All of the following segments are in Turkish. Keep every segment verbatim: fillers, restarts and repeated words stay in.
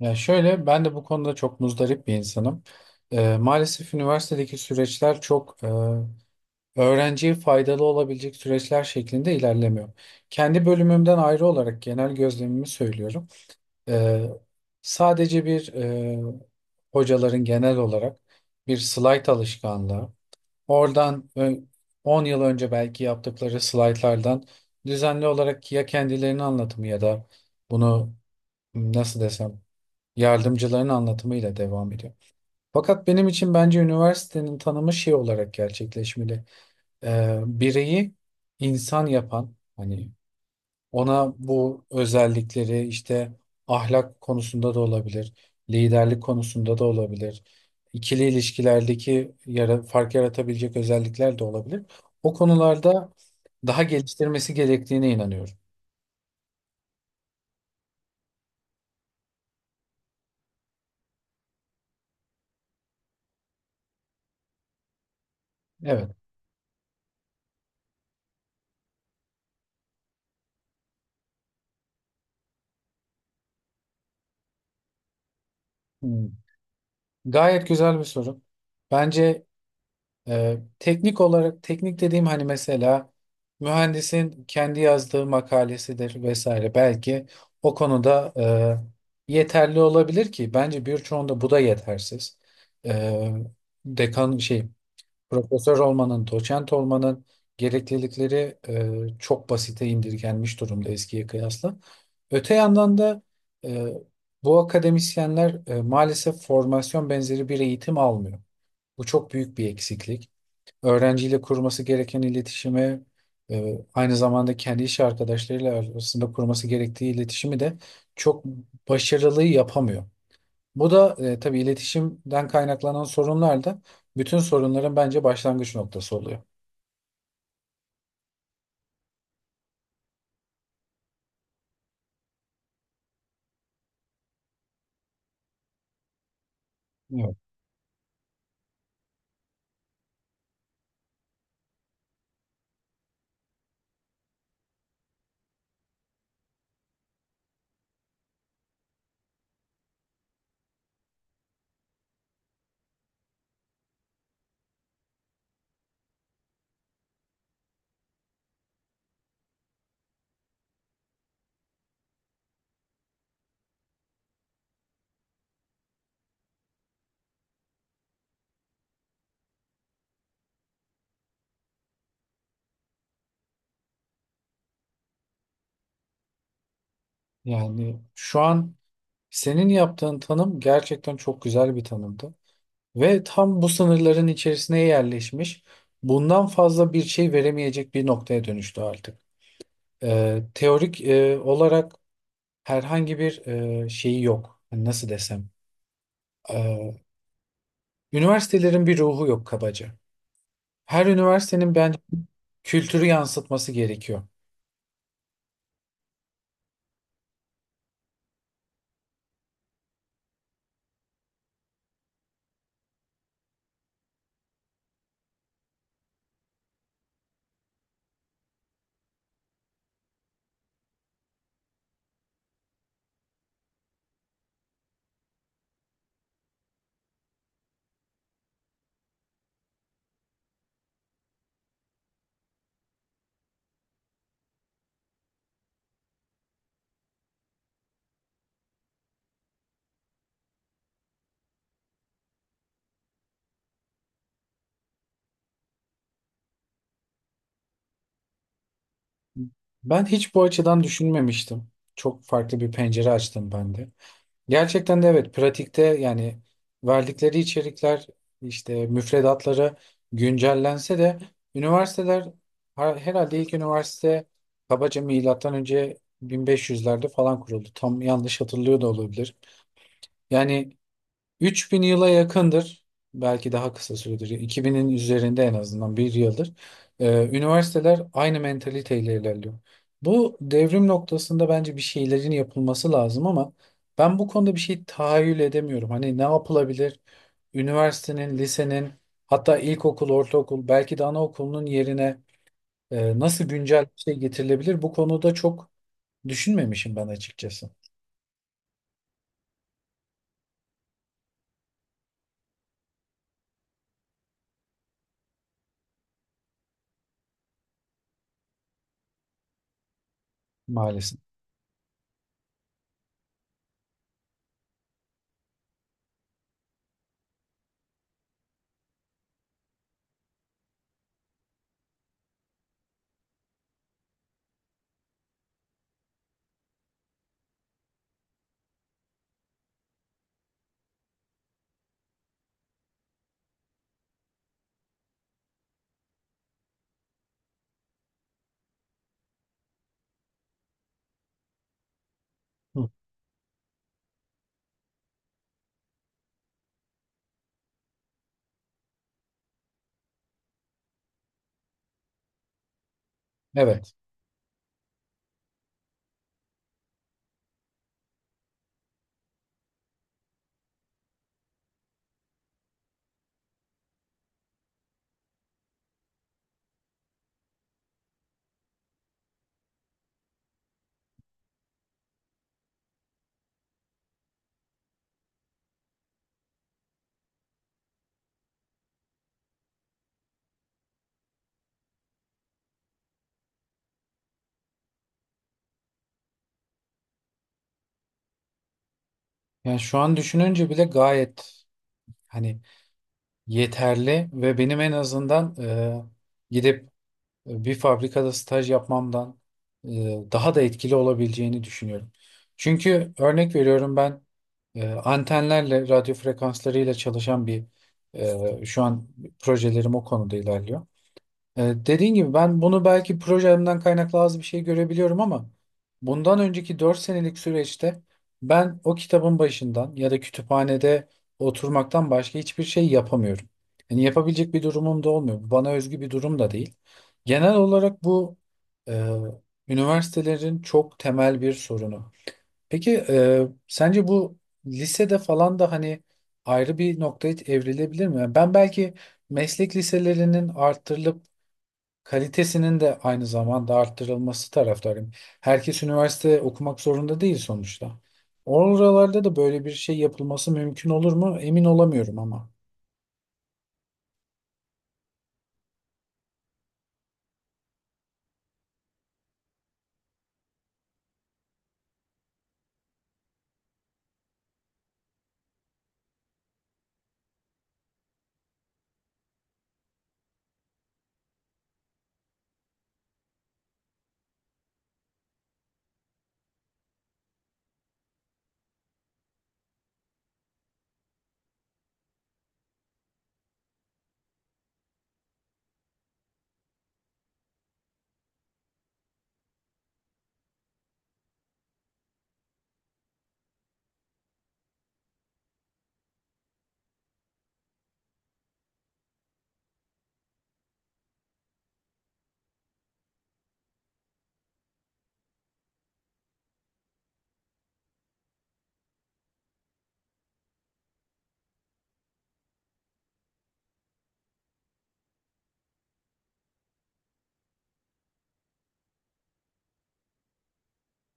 Ya şöyle, ben de bu konuda çok muzdarip bir insanım. Eee, maalesef üniversitedeki süreçler çok eee, öğrenciye faydalı olabilecek süreçler şeklinde ilerlemiyor. Kendi bölümümden ayrı olarak genel gözlemimi söylüyorum. Eee, Sadece bir eee, hocaların genel olarak bir slayt alışkanlığı. Oradan ö- on yıl önce belki yaptıkları slaytlardan düzenli olarak ya kendilerini anlatımı ya da bunu, nasıl desem, yardımcıların anlatımıyla devam ediyor. Fakat benim için bence üniversitenin tanımı şey olarak gerçekleşmeli. Ee, bireyi insan yapan, hani ona bu özellikleri işte, ahlak konusunda da olabilir, liderlik konusunda da olabilir, ikili ilişkilerdeki yara, fark yaratabilecek özellikler de olabilir. O konularda daha geliştirmesi gerektiğine inanıyorum. Evet. Hmm. Gayet güzel bir soru. Bence Ee, teknik olarak, teknik dediğim hani mesela mühendisin kendi yazdığı makalesidir vesaire, belki o konuda e, yeterli olabilir ki bence birçoğunda bu da yetersiz. Ee, Dekan şey, profesör olmanın, doçent olmanın gereklilikleri e, çok basite indirgenmiş durumda eskiye kıyasla. Öte yandan da e, bu akademisyenler e, maalesef formasyon benzeri bir eğitim almıyor. Bu çok büyük bir eksiklik. Öğrenciyle kurması gereken iletişimi, e, aynı zamanda kendi iş arkadaşlarıyla arasında kurması gerektiği iletişimi de çok başarılı yapamıyor. Bu da e, tabii iletişimden kaynaklanan sorunlar da bütün sorunların bence başlangıç noktası oluyor. Evet. Yani şu an senin yaptığın tanım gerçekten çok güzel bir tanımdı. Ve tam bu sınırların içerisine yerleşmiş, bundan fazla bir şey veremeyecek bir noktaya dönüştü artık. Ee, teorik e, olarak herhangi bir e, şeyi yok. Hani nasıl desem? E, Üniversitelerin bir ruhu yok kabaca. Her üniversitenin bence kültürü yansıtması gerekiyor. Ben hiç bu açıdan düşünmemiştim. Çok farklı bir pencere açtım ben de. Gerçekten de, evet, pratikte yani verdikleri içerikler, işte müfredatları güncellense de üniversiteler her- herhalde ilk üniversite kabaca milattan önce bin beş yüzlerde falan kuruldu. Tam yanlış hatırlıyor da olabilir. Yani üç bin yıla yakındır. Belki daha kısa süredir. iki binin üzerinde en azından bir yıldır. Ee, üniversiteler aynı mentaliteyle ilerliyor. Bu devrim noktasında bence bir şeylerin yapılması lazım ama ben bu konuda bir şey tahayyül edemiyorum. Hani ne yapılabilir? Üniversitenin, lisenin, hatta ilkokul, ortaokul, belki de anaokulunun yerine e, nasıl güncel bir şey getirilebilir? Bu konuda çok düşünmemişim ben, açıkçası maalesef. Hı. Evet. Yani şu an düşününce bile gayet, hani, yeterli ve benim en azından, e, gidip bir fabrikada staj yapmamdan e, daha da etkili olabileceğini düşünüyorum. Çünkü örnek veriyorum, ben e, antenlerle, radyo frekanslarıyla çalışan bir e, şu an projelerim o konuda ilerliyor. E, Dediğin gibi, ben bunu belki projemden kaynaklı az bir şey görebiliyorum ama bundan önceki dört senelik süreçte ben o kitabın başından ya da kütüphanede oturmaktan başka hiçbir şey yapamıyorum. Yani yapabilecek bir durumum da olmuyor. Bu bana özgü bir durum da değil. Genel olarak bu e, üniversitelerin çok temel bir sorunu. Peki e, sence bu lisede falan da hani ayrı bir noktaya evrilebilir mi? Yani ben belki meslek liselerinin arttırılıp kalitesinin de aynı zamanda arttırılması taraftarıyım. Herkes üniversite okumak zorunda değil sonuçta. Oralarda da böyle bir şey yapılması mümkün olur mu? Emin olamıyorum ama.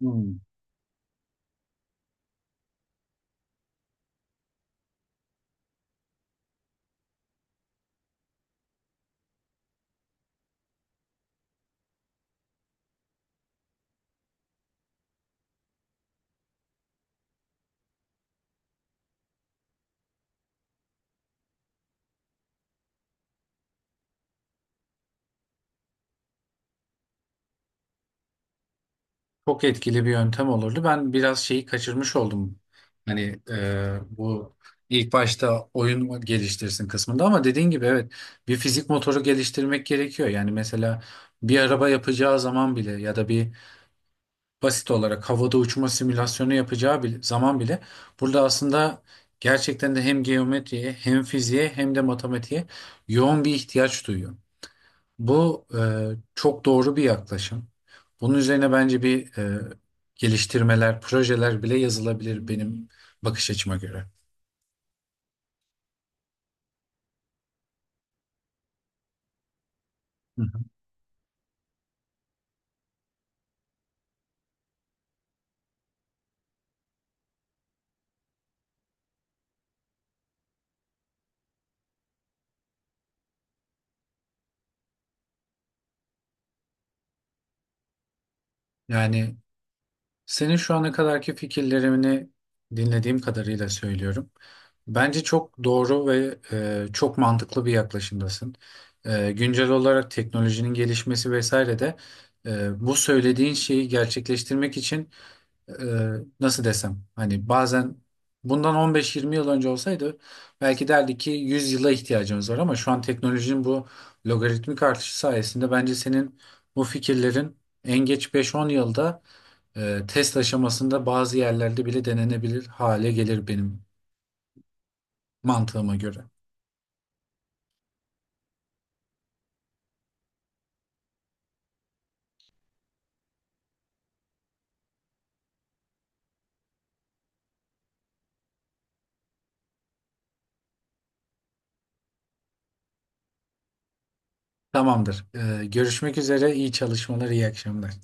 Hmm. Çok etkili bir yöntem olurdu. Ben biraz şeyi kaçırmış oldum. Hani e, bu ilk başta oyun geliştirsin kısmında ama dediğin gibi, evet, bir fizik motoru geliştirmek gerekiyor. Yani mesela bir araba yapacağı zaman bile ya da bir basit olarak havada uçma simülasyonu yapacağı bile, zaman bile, burada aslında gerçekten de hem geometriye hem fiziğe hem de matematiğe yoğun bir ihtiyaç duyuyor. Bu e, çok doğru bir yaklaşım. Bunun üzerine bence bir e, geliştirmeler, projeler bile yazılabilir benim bakış açıma göre. Hı hı. Yani senin şu ana kadarki fikirlerini dinlediğim kadarıyla söylüyorum. Bence çok doğru ve e, çok mantıklı bir yaklaşımdasın. E, güncel olarak teknolojinin gelişmesi vesaire de e, bu söylediğin şeyi gerçekleştirmek için, e, nasıl desem, hani bazen bundan on beş yirmi yıl önce olsaydı belki derdi ki yüz yıla ihtiyacımız var, ama şu an teknolojinin bu logaritmik artışı sayesinde bence senin bu fikirlerin en geç beş on yılda e, test aşamasında bazı yerlerde bile denenebilir hale gelir benim mantığıma göre. Tamamdır. E, görüşmek üzere. İyi çalışmalar, iyi akşamlar.